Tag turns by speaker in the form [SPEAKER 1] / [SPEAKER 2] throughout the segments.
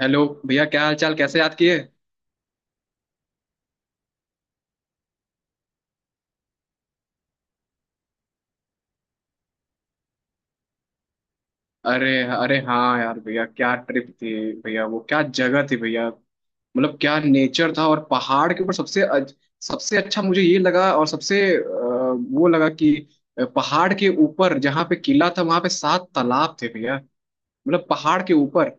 [SPEAKER 1] Hello भैया, क्या हाल चाल? कैसे याद किए? अरे अरे, हाँ यार भैया, क्या ट्रिप थी। भैया, वो क्या जगह थी भैया। मतलब क्या नेचर था। और पहाड़ के ऊपर सबसे अच्छा मुझे ये लगा, और सबसे वो लगा कि पहाड़ के ऊपर जहाँ पे किला था वहाँ पे सात तालाब थे भैया। मतलब पहाड़ के ऊपर।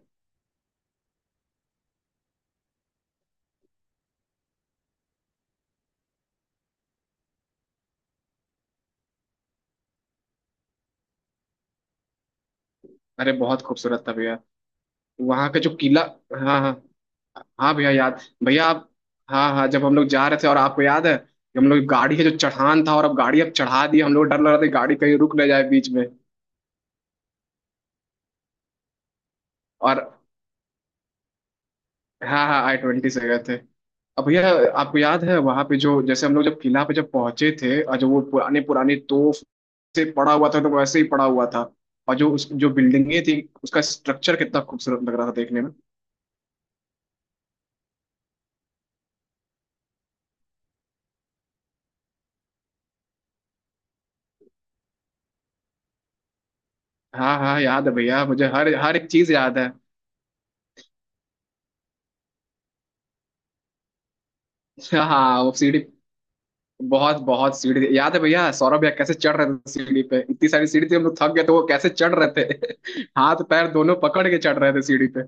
[SPEAKER 1] अरे बहुत खूबसूरत था भैया। वहाँ का जो किला। हाँ हाँ। हाँ भैया, याद, भैया आप। हाँ हाँ, जब हम लोग जा रहे थे और आपको याद है कि हम लोग गाड़ी है जो चढ़ान था, और अब गाड़ी अब चढ़ा दी, हम लोग डर लग रहा था कि गाड़ी कहीं रुक ना जाए बीच में। और हाँ हाँ, आई ट्वेंटी से गए थे। अब भैया, आपको याद है वहाँ पे जो जैसे हम लोग जब किला पे जब पहुंचे थे, और जो वो पुराने पुराने तोप से पड़ा हुआ था, तो वैसे ही पड़ा हुआ था। और जो उस जो बिल्डिंगें थी उसका स्ट्रक्चर कितना खूबसूरत लग रहा था देखने में। हाँ हाँ, याद है भैया, मुझे हर हर एक चीज याद है। हाँ वो सीढ़ी। बहुत बहुत सीढ़ी थी। याद है भैया, सौरभ भैया कैसे चढ़ रहे थे सीढ़ी पे? इतनी सारी सीढ़ी थी, हम लोग थक गए थे, वो कैसे चढ़ रहे थे। हाथ पैर दोनों पकड़ के चढ़ रहे थे सीढ़ी पे।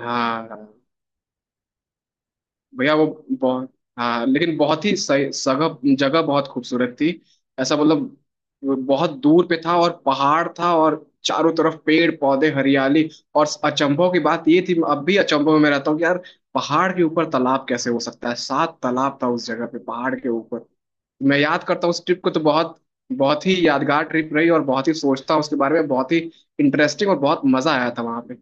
[SPEAKER 1] हाँ भैया वो बहुत। हाँ लेकिन बहुत ही सही सगह जगह बहुत खूबसूरत थी। ऐसा मतलब। वो बहुत दूर पे था, और पहाड़ था, और चारों तरफ पेड़ पौधे हरियाली। और अचंभों की बात ये थी, अब भी अचंभों में रहता हूँ कि यार पहाड़ के ऊपर तालाब कैसे हो सकता है। सात तालाब था उस जगह पे पहाड़ के ऊपर। मैं याद करता हूँ उस ट्रिप को तो बहुत बहुत ही यादगार ट्रिप रही। और बहुत ही सोचता हूँ उसके बारे में, बहुत ही इंटरेस्टिंग, और बहुत मजा आया था वहां पे।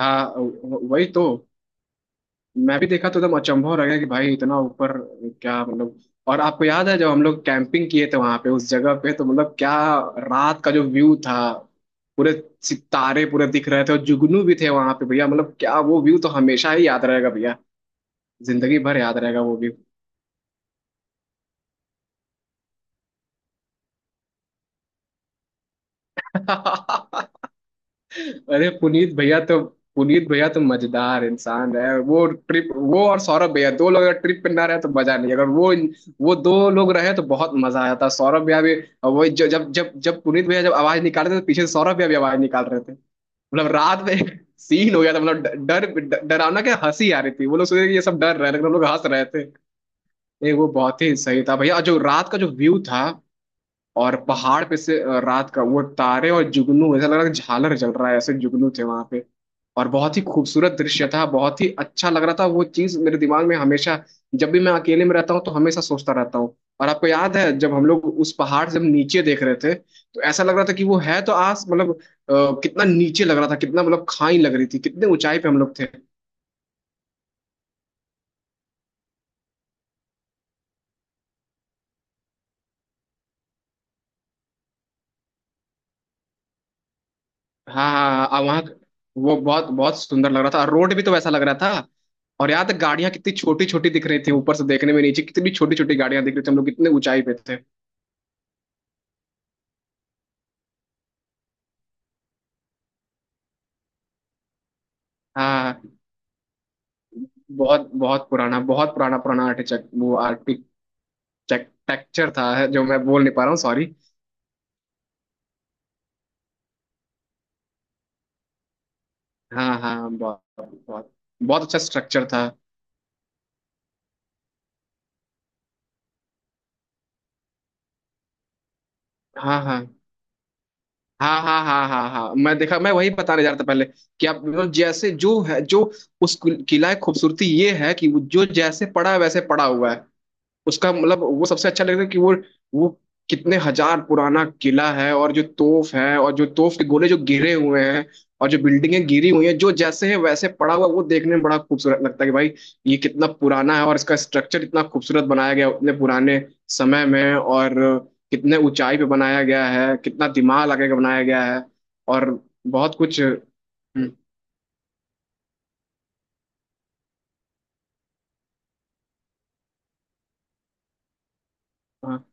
[SPEAKER 1] हाँ वही तो। मैं भी देखा तो एकदम अचंभव हो रह गया कि भाई इतना ऊपर। क्या मतलब। और आपको याद है जब हम लोग कैंपिंग किए थे वहां पे, उस जगह पे, तो मतलब क्या रात का जो व्यू था! पूरे सितारे पूरे दिख रहे थे, और जुगनू भी थे वहां पे भैया। मतलब क्या, वो व्यू तो हमेशा ही याद रहेगा भैया। जिंदगी भर याद रहेगा वो व्यू। अरे पुनीत भैया तो। पुनीत भैया तो मजेदार इंसान है। वो ट्रिप, वो और सौरभ भैया, दो लोग अगर ट्रिप पे ना रहे तो मजा नहीं। अगर वो वो दो लोग रहे तो बहुत मजा आ जाता। सौरभ भैया भी। और वही जब जब जब पुनीत भैया जब आवाज निकाल रहे थे, तो पीछे से सौरभ भैया भी आवाज निकाल रहे थे, मतलब रात में। सीन हो गया था, मतलब डरावना। क्या हंसी आ रही थी! वो लोग सोच रहे थे कि ये सब डर रहे हैं, लेकिन हम लोग हंस रहे थे। ये वो बहुत ही सही था भैया। और जो रात का जो व्यू था, और पहाड़ पे से रात का वो तारे और जुगनू, ऐसा लग रहा था झालर जल रहा है, ऐसे जुगनू थे वहां पे। और बहुत ही खूबसूरत दृश्य था, बहुत ही अच्छा लग रहा था। वो चीज मेरे दिमाग में हमेशा, जब भी मैं अकेले में रहता हूँ तो हमेशा सोचता रहता हूँ। और आपको याद है जब हम लोग उस पहाड़ से हम नीचे देख रहे थे, तो ऐसा लग रहा था कि वो है तो आस, मतलब कितना नीचे लग रहा था, कितना मतलब खाई लग रही थी, कितने ऊंचाई पे हम लोग थे। हाँ हाँ हाँ, वहाँ वो बहुत बहुत सुंदर लग रहा था। और रोड भी तो वैसा लग रहा था, और यहाँ तक गाड़ियाँ कितनी छोटी छोटी दिख रही थी ऊपर से देखने में, नीचे कितनी छोटी छोटी गाड़ियाँ दिख रही थी, हम लोग कितने ऊंचाई पे थे। हाँ हाँ, हाँ। बहुत बहुत पुराना, बहुत पुराना पुराना आर्टिटेक्ट वो आर्किटेक्चर था, जो मैं बोल नहीं पा रहा हूँ, सॉरी। हाँ हाँ बहुत। बहुत। बहुत अच्छा स्ट्रक्चर था। हाँ हाँ हाँ हाँ हाँ हाँ हाँ, मैं देखा, मैं वही बताने जा रहा था पहले कि आप मतलब जैसे जो है जो उस किला की खूबसूरती ये है कि वो जो जैसे पड़ा है वैसे पड़ा हुआ है। उसका मतलब वो सबसे अच्छा लगता है कि वो कितने हजार पुराना किला है, और जो तोप है और जो तोप के गोले जो गिरे हुए हैं, और जो बिल्डिंगें गिरी हुई हैं जो जैसे है वैसे पड़ा हुआ है, वो देखने में बड़ा खूबसूरत लगता है कि भाई ये कितना पुराना है, और इसका स्ट्रक्चर इतना खूबसूरत बनाया गया है उतने पुराने समय में, और कितने ऊंचाई पे बनाया गया है, कितना दिमाग लगा के बनाया गया है। और बहुत कुछ। हाँ।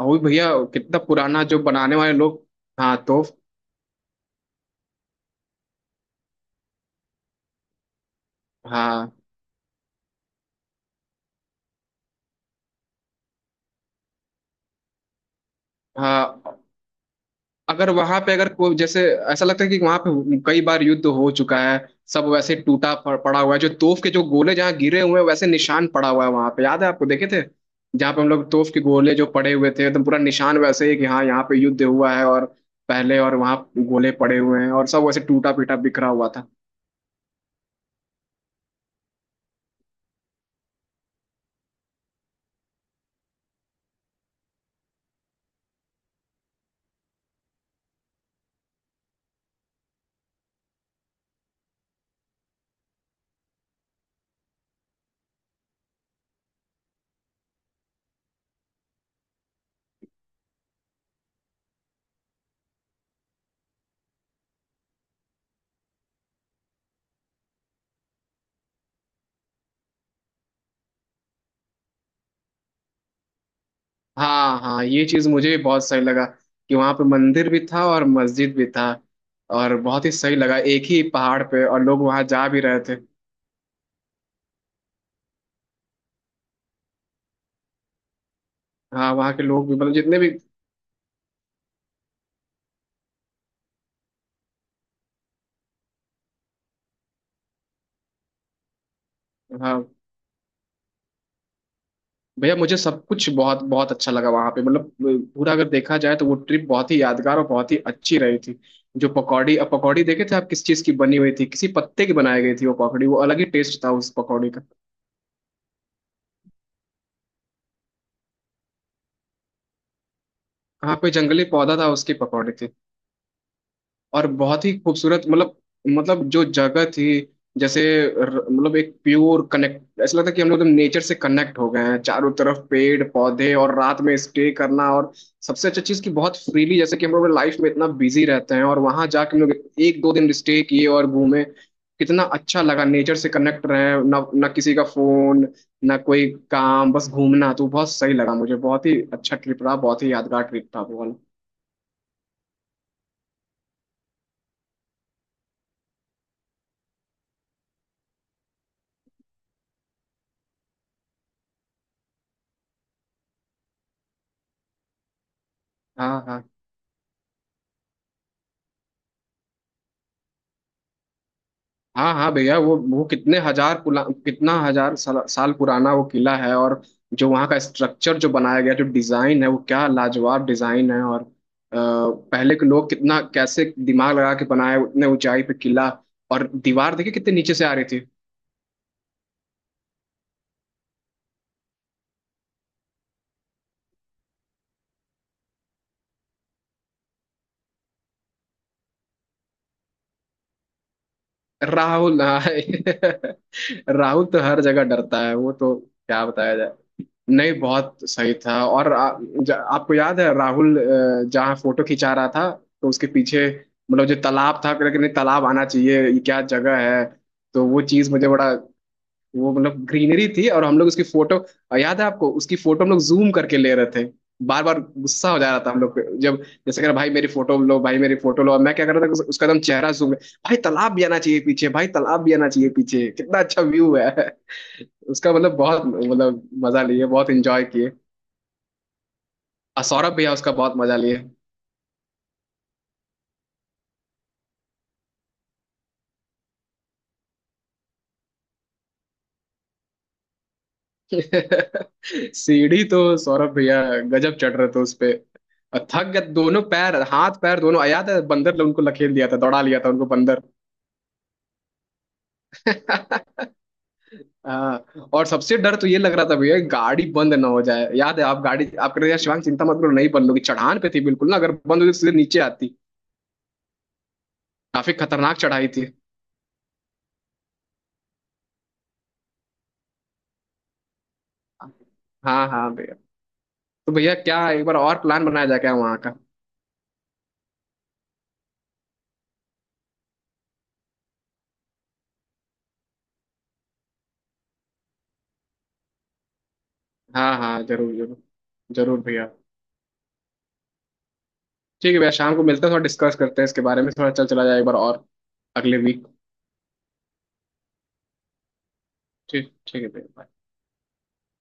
[SPEAKER 1] और भैया, कितना पुराना, जो बनाने वाले लोग। हाँ तो। हाँ हाँ, अगर वहां पे अगर कोई जैसे, ऐसा लगता है कि वहां पे कई बार युद्ध हो चुका है। सब वैसे टूटा पड़ा हुआ है, जो तोफ के जो गोले जहाँ गिरे हुए हैं, वैसे निशान पड़ा हुआ है वहां पे। याद है आपको, देखे थे जहाँ पे हम लोग तोफ के गोले जो पड़े हुए थे, एकदम पूरा निशान वैसे ही कि हाँ यहाँ पे युद्ध हुआ है, और पहले, और वहाँ गोले पड़े हुए हैं, और सब वैसे टूटा पीटा बिखरा हुआ था। हाँ हाँ, ये चीज मुझे भी बहुत सही लगा कि वहां पे मंदिर भी था और मस्जिद भी था। और बहुत ही सही लगा, एक ही पहाड़ पे, और लोग वहां जा भी रहे थे। हाँ वहाँ के लोग भी मतलब जितने भी। हाँ भैया, मुझे सब कुछ बहुत बहुत अच्छा लगा वहां पे। मतलब पूरा अगर देखा जाए तो वो ट्रिप बहुत ही यादगार और बहुत ही अच्छी रही थी। जो पकौड़ी, अब पकौड़ी देखे थे आप, किस चीज की बनी हुई थी? किसी पत्ते की बनाई गई थी वो पकौड़ी, वो अलग ही टेस्ट था उस पकौड़ी का। कहाँ पे जंगली पौधा था उसकी पकौड़ी थी। और बहुत ही खूबसूरत, मतलब, मतलब जो जगह थी, जैसे मतलब एक प्योर कनेक्ट, ऐसा लगता है कि हम लोग एकदम नेचर से कनेक्ट हो गए हैं। चारों तरफ पेड़ पौधे और रात में स्टे करना, और सबसे अच्छा चीज़ कि बहुत फ्रीली, जैसे कि हम लोग लाइफ में इतना बिजी रहते हैं, और वहां जाके हम लोग एक दो दिन स्टे किए और घूमे, कितना अच्छा लगा नेचर से कनेक्ट रहे। ना ना किसी का फोन, ना कोई काम, बस घूमना, तो बहुत सही लगा मुझे। बहुत ही अच्छा ट्रिप रहा, बहुत ही यादगार ट्रिप था वो वाला। हाँ हाँ हाँ हाँ भैया, वो कितने हजार पुला कितना हजार साल पुराना वो किला है। और जो वहाँ का स्ट्रक्चर जो बनाया गया, जो डिजाइन है, वो क्या लाजवाब डिजाइन है। और पहले के लोग कितना कैसे दिमाग लगा के बनाए उतने ऊंचाई पे किला। और दीवार देखिए कितने नीचे से आ रही थी। राहुल। हाँ, राहुल तो हर जगह डरता है, वो तो क्या बताया जाए। नहीं बहुत सही था। और आपको याद है राहुल जहाँ फोटो खिंचा रहा था, तो उसके पीछे मतलब जो तालाब था, लेकिन नहीं तालाब आना चाहिए, ये क्या जगह है? तो वो चीज मुझे बड़ा, वो मतलब ग्रीनरी थी, और हम लोग उसकी फोटो, और याद है आपको उसकी फोटो हम लोग जूम करके ले रहे थे। बार बार गुस्सा हो जा रहा था हम लोग पे। जब जैसे कह रहा, भाई मेरी फोटो लो, भाई मेरी फोटो लो, और मैं क्या कर रहा था कि उसका एकदम चेहरा जूम, भाई तालाब भी आना चाहिए पीछे, भाई तालाब भी आना चाहिए पीछे, कितना अच्छा व्यू है। उसका मतलब बहुत, मतलब मजा लिए, बहुत इंजॉय किए। और सौरभ भैया उसका बहुत मजा लिए। सीढ़ी तो सौरभ भैया गजब चढ़ रहे थे उस पे। और थक गए दोनों पैर, हाथ पैर दोनों, याद है, बंदर ने उनको लखेल दिया था, दौड़ा लिया था उनको बंदर। हाँ, और सबसे डर तो ये लग रहा था भैया गाड़ी बंद ना हो जाए। याद है, आप गाड़ी, आप कह रहे थे, शिवांग चिंता मत करो, नहीं बंद होगी, चढ़ान पे थी बिल्कुल, ना अगर बंद होती तो सीधे नीचे आती। काफी खतरनाक चढ़ाई थी। हाँ हाँ भैया। तो भैया क्या एक बार और प्लान बनाया जाए क्या वहाँ का? हाँ हाँ जरूर जरूर। जरूर भैया। ठीक है भैया, शाम को मिलते हैं, थोड़ा डिस्कस करते हैं इसके बारे में, थोड़ा चल चला जाए एक बार और, अगले वीक। ठीक, ठीक है भैया।